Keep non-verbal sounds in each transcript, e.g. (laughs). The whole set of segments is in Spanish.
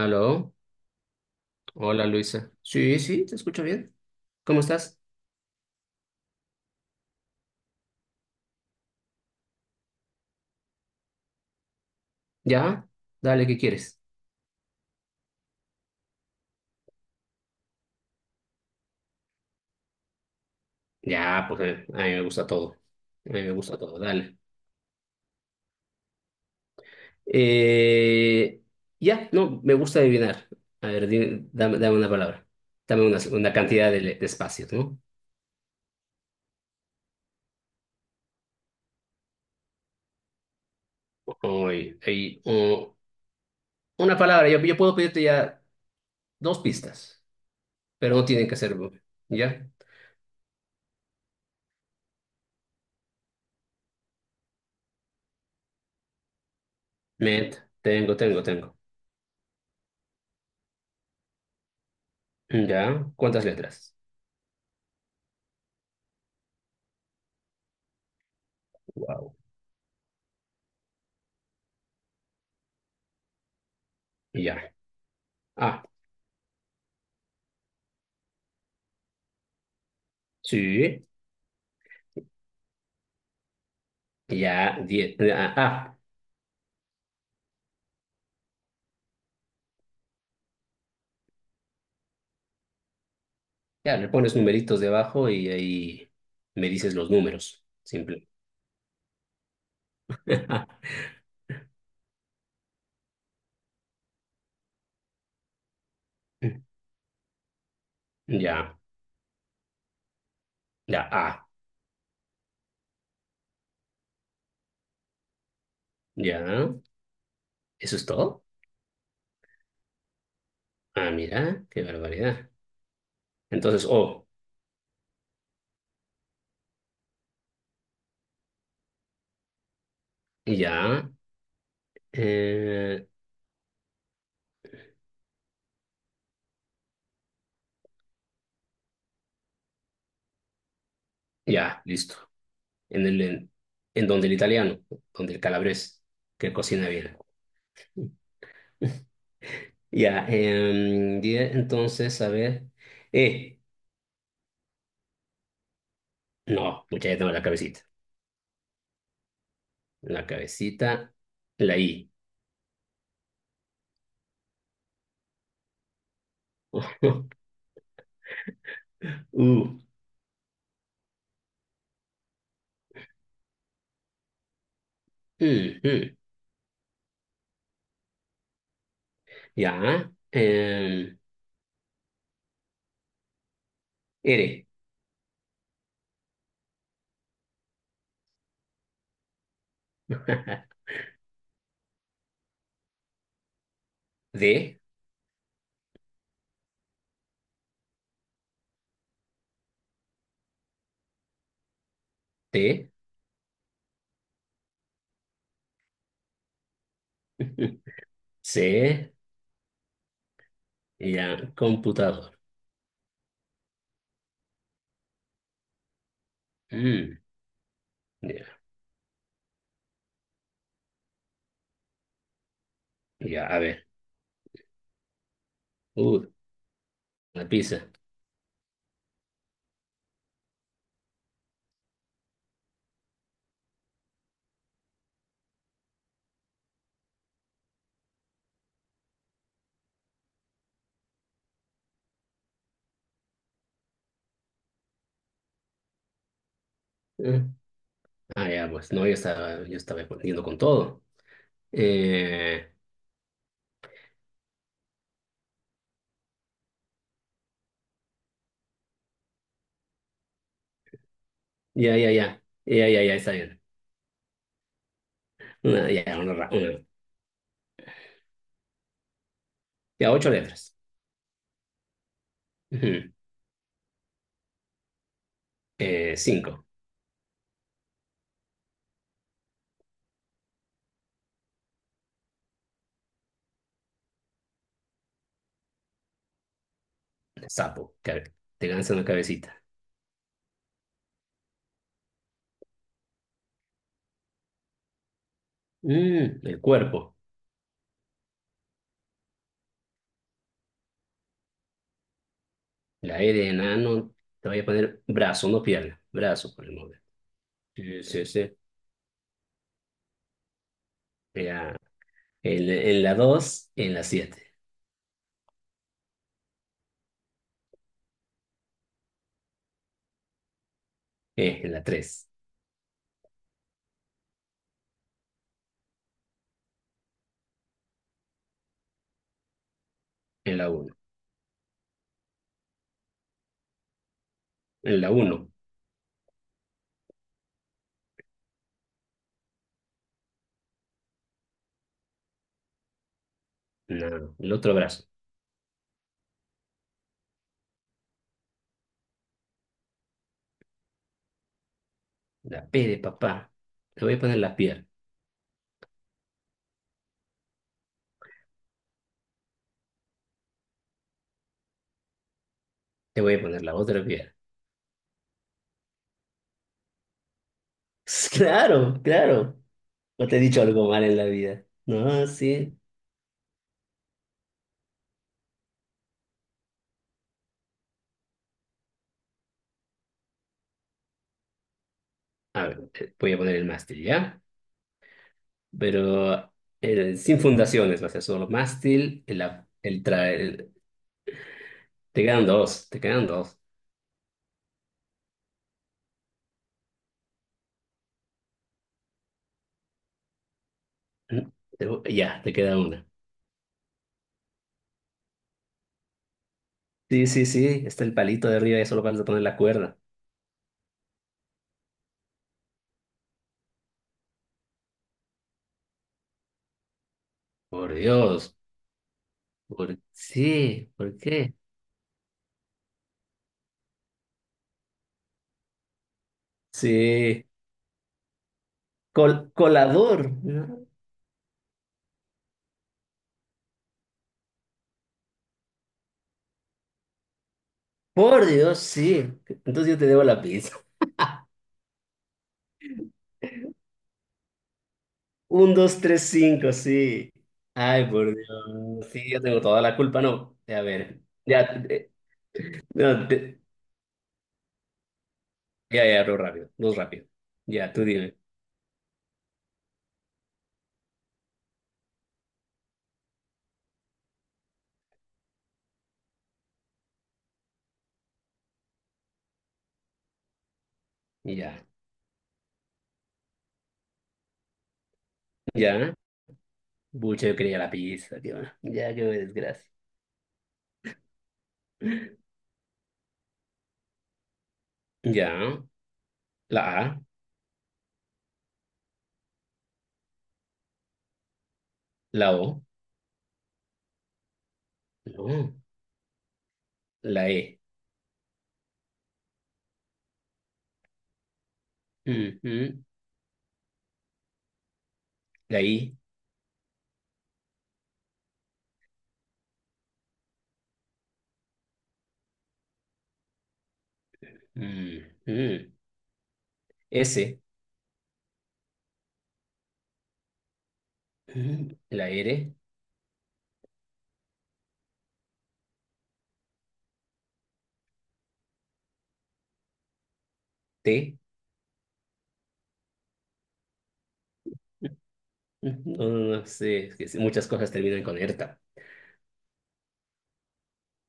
Aló, hola Luisa. Sí, sí, te escucho bien. ¿Cómo estás? ¿Ya? Dale, ¿qué quieres? Ya, pues a mí me gusta todo. A mí me gusta todo, dale. Eh, ya, no, me gusta adivinar. A ver, dame una palabra. Dame una cantidad de espacios, ¿no? Hoy, ahí, o- una palabra, yo puedo pedirte ya dos pistas, pero no tienen que ser, ¿ya? Met, tengo. ¿Ya? ¿Cuántas letras? Wow. Ya. Ah, sí. Ya, 10 ya le pones numeritos debajo y ahí me dices los números, simple. (laughs) Ya, ya, ya, ¿eso es todo? Ah, mira, qué barbaridad. Entonces, ya, eh, ya, listo. En el, en, en donde el italiano, donde el calabrés, que cocina bien. (laughs) Ya, entonces, a ver, eh no, mucha ya tengo la cabecita. La cabecita, la I. (laughs) U. Mm, mm. Ya. R. (laughs) D. T. C. Ya. Computador. Mm, ya. Ya, a ver. Uh, la pizza. Eh, ya, pues no, yo estaba respondiendo con todo. Eh, ya, ya, ya. Ya, ya, ya, está bien. Una. Ya, ocho letras. Ujú. Cinco. Sapo. Te lanza una cabecita. El cuerpo. La E de enano, te voy a poner brazo, no pierna, brazo por el momento. Sí, sí, sí. Ya. En la 2, en la siete, en la tres, en la uno, en la uno, no, el otro brazo, la P de papá, te voy a poner la pierna, te voy a poner la otra pierna. (laughs) Claro, claro, no te he dicho algo mal en la vida. No, sí. A ver, voy a poner el mástil, ¿ya? Pero sin fundaciones, va a ser solo mástil, el, tra- el- te quedan dos. Ujú. Ya, te queda una. Sí, sí, sí, está el palito de arriba y solo vas a poner la cuerda. Por Dios. ¿Por sí? ¿Por qué? Sí, colador, ¿no? Por Dios, sí. Entonces yo te debo la pizza. (laughs) Un, dos, tres, cinco, sí. Ay, por Dios. Sí, yo tengo toda la culpa, no. A ver, ya, eh, no, ya, ya, no rápido, no rápido. Ya, tú dime. Ya, ya. Bucha, yo quería la pizza, tío. Ya, qué desgracia. Ya. La A, la O, no, la E, ujú, la I, ujú, S, ujú, la R, T, ujú, no, no, no sé, es que sí, muchas cosas terminan con ERTA.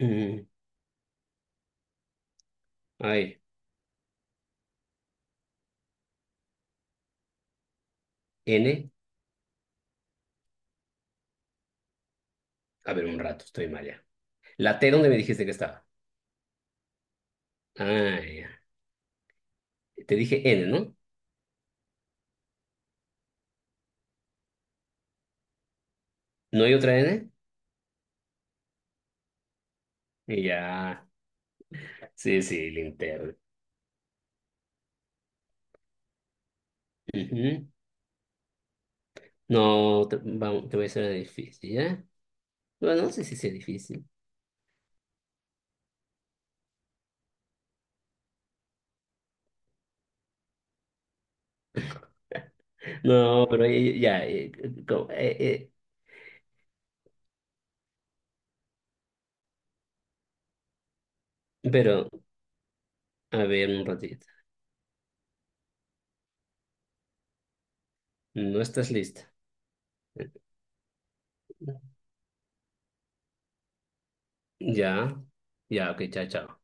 Ujú, ay, N, a ver, un rato, estoy mal ya. La T, ¿dónde me dijiste que estaba? Ah, ya. Te dije N, ¿no? ¿No hay otra N? Ya, sí, sí, linterna. Ujú. No, vamos, te voy a hacer una difícil, ¿ya? Bueno, no sé si sea difícil. No, pero ya, co- eh, eh, pero a ver un ratito. No estás lista. Ya, ya, ok, chao, chao.